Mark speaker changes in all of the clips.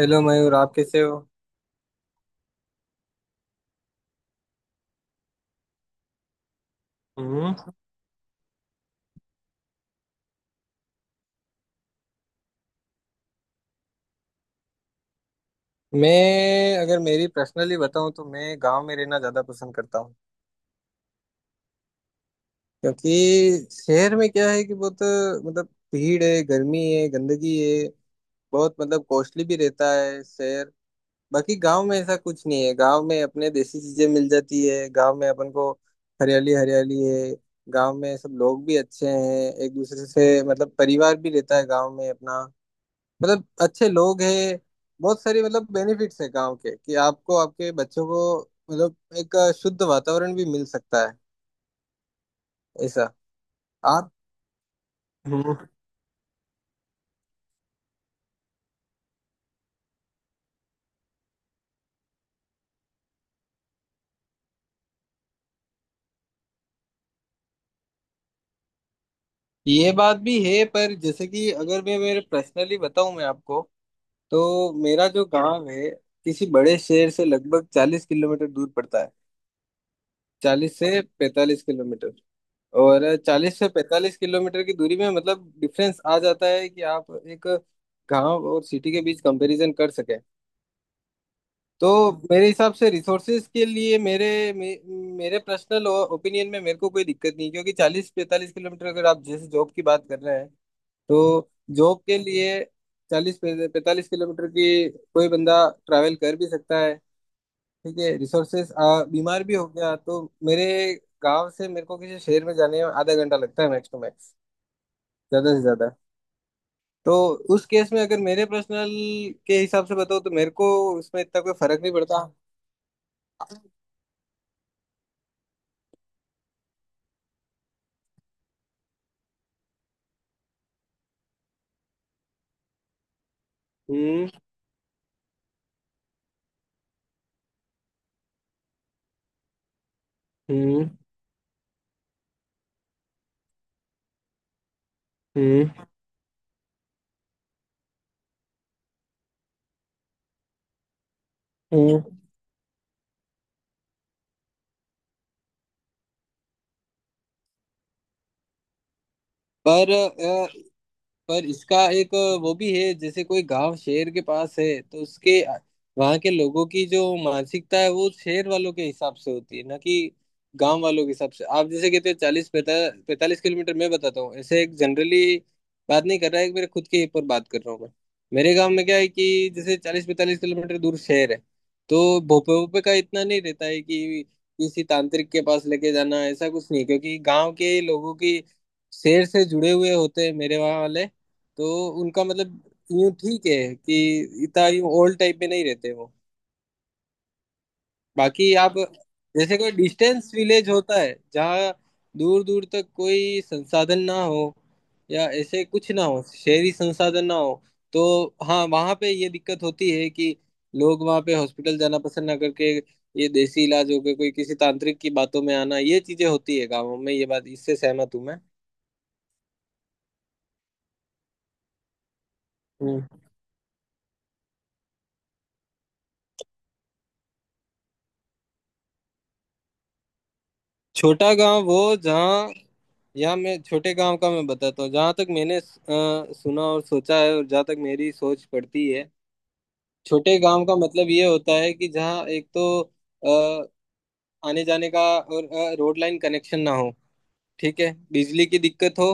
Speaker 1: Hello Mayur, आप कैसे हो। हम्म। मैं अगर मेरी पर्सनली बताऊं तो मैं गांव में रहना ज्यादा पसंद करता हूं। क्योंकि शहर में क्या है कि बहुत मतलब भीड़ है, गर्मी है, गंदगी है। बहुत मतलब कॉस्टली भी रहता है शहर। बाकी गांव में ऐसा कुछ नहीं है। गांव में अपने देसी चीजें मिल जाती है गांव में अपन को। हरियाली हरियाली है। गांव में सब लोग भी अच्छे हैं, एक दूसरे से मतलब परिवार भी रहता है गांव में अपना। मतलब अच्छे लोग हैं। बहुत सारी मतलब बेनिफिट्स है गांव के कि आपको आपके बच्चों को मतलब एक शुद्ध वातावरण भी मिल सकता है ऐसा। आप। हम्म। ये बात भी है, पर जैसे कि अगर मैं मेरे पर्सनली बताऊं मैं आपको। तो मेरा जो गांव है किसी बड़े शहर से लगभग 40 किलोमीटर दूर पड़ता है। 40 से 45 किलोमीटर। और 40 से 45 किलोमीटर की दूरी में मतलब डिफरेंस आ जाता है कि आप एक गांव और सिटी के बीच कंपैरिजन कर सके। तो मेरे हिसाब से रिसोर्सेज के लिए मेरे पर्सनल ओपिनियन में मेरे को कोई दिक्कत नहीं, क्योंकि 40-45 किलोमीटर अगर आप जैसे जॉब की बात कर रहे हैं तो जॉब के लिए 40-45 किलोमीटर की कोई बंदा ट्रैवल कर भी सकता है। ठीक है, रिसोर्सेज। बीमार भी हो गया तो मेरे गांव से मेरे को किसी शहर में जाने में आधा घंटा लगता है, मैक्स टू मैक्स, ज्यादा से ज्यादा। तो उस केस में अगर मेरे पर्सनल के हिसाब से बताओ तो मेरे को उसमें इतना कोई फर्क नहीं पड़ता। हम्म। हम्म। हम्म। हम्म। पर अ, पर इसका एक वो भी है, जैसे कोई गांव शहर के पास है तो उसके वहां के लोगों की जो मानसिकता है वो शहर वालों के हिसाब से होती है, ना कि गांव वालों के हिसाब से। आप जैसे कहते हो चालीस पैता पैंतालीस किलोमीटर। मैं बताता हूँ ऐसे एक जनरली बात नहीं कर रहा है, मेरे खुद के ऊपर बात कर रहा हूँ मैं। मेरे गांव में क्या है कि जैसे 40-45 किलोमीटर दूर शहर है, तो भोपे भोपे का इतना नहीं रहता है कि किसी तांत्रिक के पास लेके जाना, ऐसा कुछ नहीं, क्योंकि गांव के लोगों की शहर से जुड़े हुए होते हैं मेरे वहाँ वाले। तो उनका मतलब यूं ठीक है कि इतना यूं ओल्ड टाइप में नहीं रहते वो। बाकी आप जैसे कोई डिस्टेंस विलेज होता है जहाँ दूर दूर तक कोई संसाधन ना हो या ऐसे कुछ ना हो, शहरी संसाधन ना हो, तो हाँ वहाँ पे ये दिक्कत होती है कि लोग वहाँ पे हॉस्पिटल जाना पसंद ना करके ये देसी इलाज हो गए, कोई किसी तांत्रिक की बातों में आना, ये चीजें होती है गाँवों में। ये बात इससे सहमत हूँ मैं। छोटा गांव वो जहाँ, यहाँ मैं छोटे गांव का मैं बताता हूँ जहाँ तक मैंने सुना और सोचा है और जहाँ तक मेरी सोच पड़ती है। छोटे गांव का मतलब ये होता है कि जहाँ एक तो अ, आने जाने का और रोड लाइन कनेक्शन ना हो, ठीक है, बिजली की दिक्कत हो,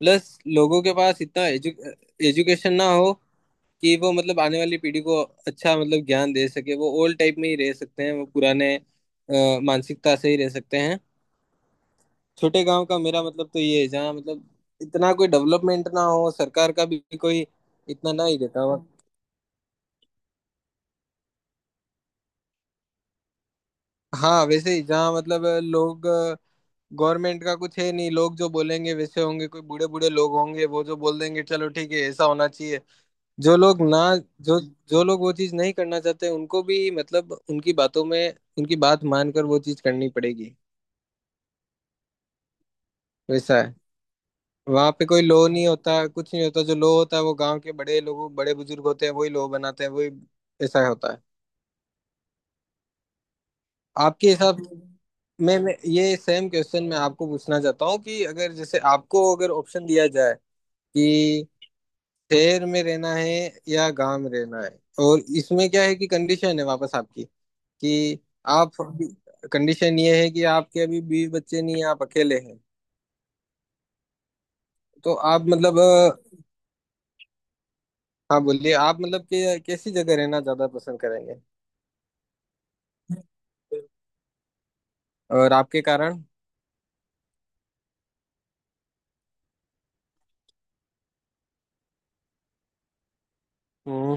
Speaker 1: प्लस लोगों के पास इतना एजुकेशन ना हो कि वो मतलब आने वाली पीढ़ी को अच्छा मतलब ज्ञान दे सके। वो ओल्ड टाइप में ही रह सकते हैं, वो पुराने मानसिकता से ही रह सकते हैं। छोटे गांव का मेरा मतलब तो ये है जहाँ मतलब इतना कोई डेवलपमेंट ना हो, सरकार का भी कोई इतना ना ही देता हो। हाँ वैसे ही, जहाँ मतलब लोग, गवर्नमेंट का कुछ है नहीं, लोग जो बोलेंगे वैसे होंगे, कोई बूढ़े बूढ़े लोग होंगे वो जो बोल देंगे चलो ठीक है ऐसा होना चाहिए। जो लोग ना, जो जो लोग वो चीज नहीं करना चाहते उनको भी मतलब उनकी बातों में उनकी बात मानकर वो चीज करनी पड़ेगी। वैसा है। वहां पे कोई लो नहीं होता, कुछ नहीं होता, जो लो होता है वो गांव के बड़े लोग बड़े बुजुर्ग होते हैं, वही लो बनाते हैं, वही, ऐसा होता है। आपके हिसाब, मैं ये सेम क्वेश्चन मैं आपको पूछना चाहता हूँ कि अगर जैसे आपको अगर ऑप्शन दिया जाए कि शहर में रहना है या गांव में रहना है, और इसमें क्या है कि कंडीशन है वापस आपकी कि आप, कंडीशन ये है कि आपके अभी बीवी बच्चे नहीं है, आप अकेले हैं। तो आप मतलब हाँ, बोलिए, आप मतलब कि कैसी जगह रहना ज्यादा पसंद करेंगे और आपके कारण। हम्म।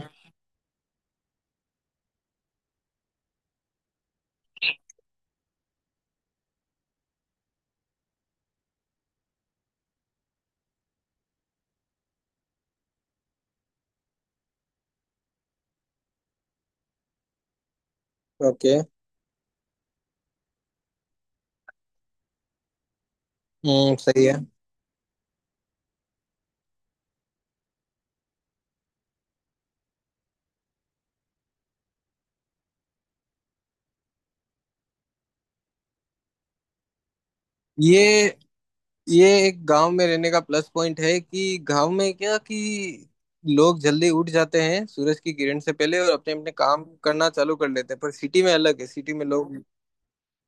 Speaker 1: ओके। हम्म, सही है। ये ये एक गांव में रहने का प्लस पॉइंट है कि गांव में क्या कि लोग जल्दी उठ जाते हैं सूरज की किरण से पहले और अपने अपने काम करना चालू कर लेते हैं, पर सिटी में अलग है, सिटी में लोग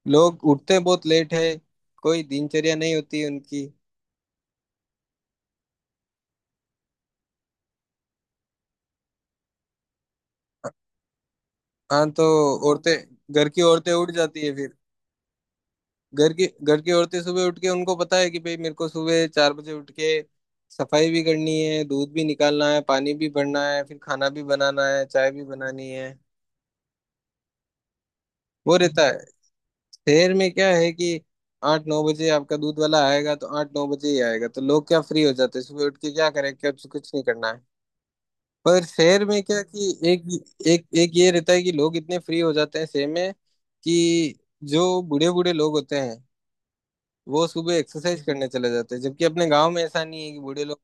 Speaker 1: लोग उठते बहुत लेट है, कोई दिनचर्या नहीं होती उनकी। हाँ तो औरतें घर की औरतें उठ जाती है। घर की औरतें सुबह उठ के उनको पता है कि भाई मेरे को सुबह 4 बजे उठ के सफाई भी करनी है, दूध भी निकालना है, पानी भी भरना है, फिर खाना भी बनाना है, चाय भी बनानी है। वो रहता है। शहर में क्या है कि 8-9 बजे आपका दूध वाला आएगा तो 8-9 बजे ही आएगा, तो लोग क्या फ्री हो जाते हैं, सुबह उठ के क्या करें, क्या, कुछ नहीं करना है। पर शहर में क्या कि एक एक एक ये रहता है कि लोग इतने फ्री हो जाते हैं शहर में कि जो बूढ़े बूढ़े लोग होते हैं वो सुबह एक्सरसाइज करने चले जाते हैं, जबकि अपने गांव में ऐसा नहीं है कि बूढ़े लोग।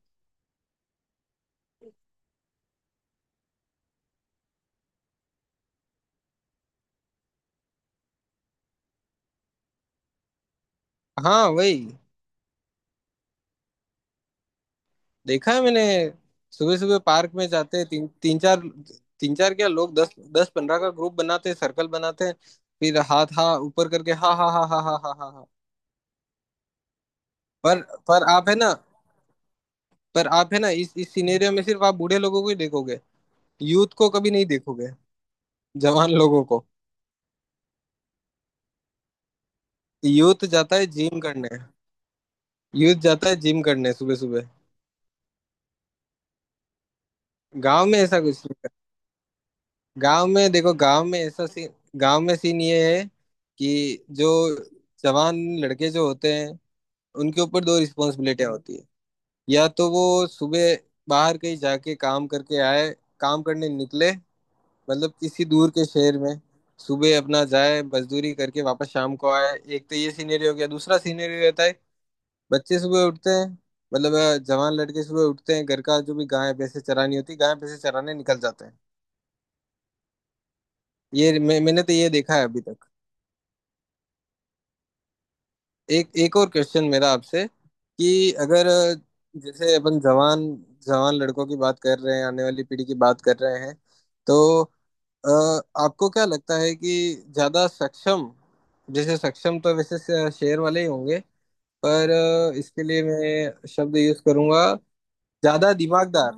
Speaker 1: हाँ, वही। देखा है मैंने, सुबह सुबह पार्क में जाते हैं तीन तीन चार, तीन चार क्या, लोग दस दस पंद्रह का ग्रुप बनाते हैं, सर्कल बनाते हैं, फिर हाथ हाँ ऊपर करके हा हा हा हा हा हा हा हा। पर पर आप है ना, इस सिनेरियो में सिर्फ आप बूढ़े लोगों को ही देखोगे, यूथ को कभी नहीं देखोगे, जवान लोगों को। यूथ जाता है जिम करने यूथ जाता है जिम करने सुबह सुबह। गांव में ऐसा कुछ, गांव में देखो, गांव में ऐसा सीन, गांव में सीन ये है कि जो जवान लड़के जो होते हैं उनके ऊपर दो रिस्पॉन्सिबिलिटियां होती है। या तो वो सुबह बाहर कहीं जाके काम करके आए, काम करने निकले, मतलब किसी दूर के शहर में सुबह अपना जाए, मजदूरी करके वापस शाम को आए। एक तो ये सीनरी हो गया, दूसरा सीनरी रहता है बच्चे सुबह उठते हैं, मतलब जवान लड़के सुबह उठते हैं, घर का जो भी गाय भैंसे चरानी होती है गाय भैंसे चराने निकल जाते हैं। ये मैंने तो ये देखा है अभी तक। एक एक और क्वेश्चन मेरा आपसे कि अगर जैसे अपन जवान जवान लड़कों की बात कर रहे हैं, आने वाली पीढ़ी की बात कर रहे हैं, तो आपको क्या लगता है कि ज्यादा सक्षम, जैसे सक्षम तो वैसे शेर वाले ही होंगे, पर इसके लिए मैं शब्द यूज करूंगा, ज्यादा दिमागदार।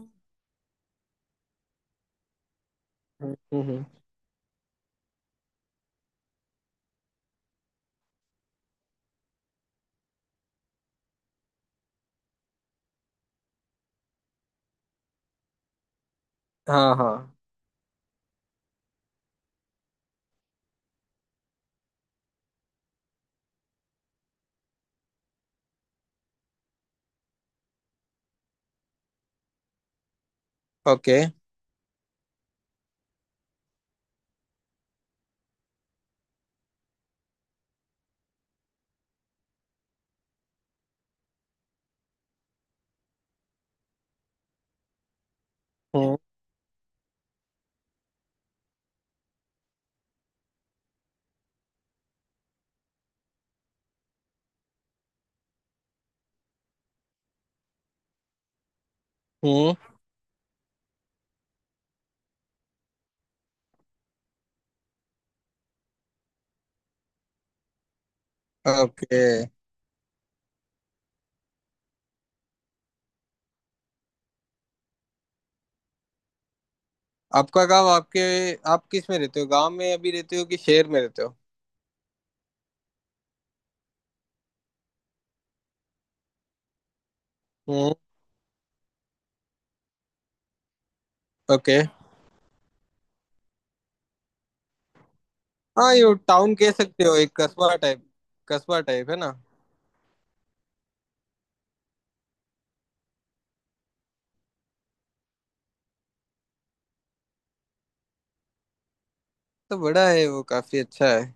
Speaker 1: हम्म। हम्म। हम्म। हाँ हाँ। ओके। हम्म। हम्म। ओके। आपका गांव आपके, आप किस में रहते हो, गांव में अभी रहते हो कि शहर में रहते हो। हम्म। ओके। हाँ ये टाउन कह सकते हो, एक कस्बा टाइप है ना। तो बड़ा है वो, काफी अच्छा है।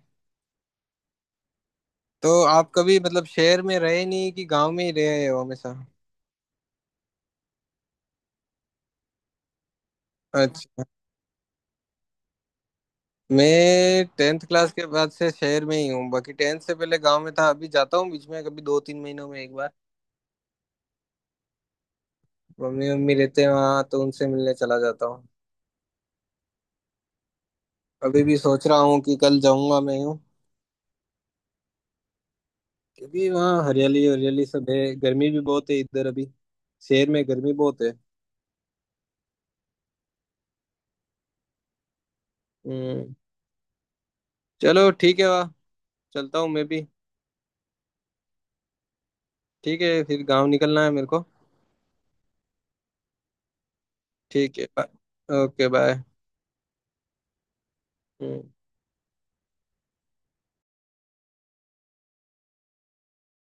Speaker 1: तो आप कभी मतलब शहर में रहे नहीं कि गांव में ही रहे हो हमेशा। अच्छा। मैं टेंथ क्लास के बाद से शहर में ही हूँ, बाकी टेंथ से पहले गांव में था, अभी जाता हूँ बीच में कभी, 2-3 महीनों में एक बार। मम्मी मम्मी रहते हैं वहाँ तो उनसे मिलने चला जाता हूँ। अभी भी सोच रहा हूँ कि कल जाऊंगा मैं हूँ। क्योंकि वहाँ हरियाली हरियाली सब है, गर्मी भी बहुत है इधर अभी, शहर में गर्मी बहुत है। हम्म। चलो, ठीक है, वाह, चलता हूँ मैं भी। ठीक है, फिर गाँव निकलना है मेरे को। ठीक है, बाय। Okay, bye. हम्म।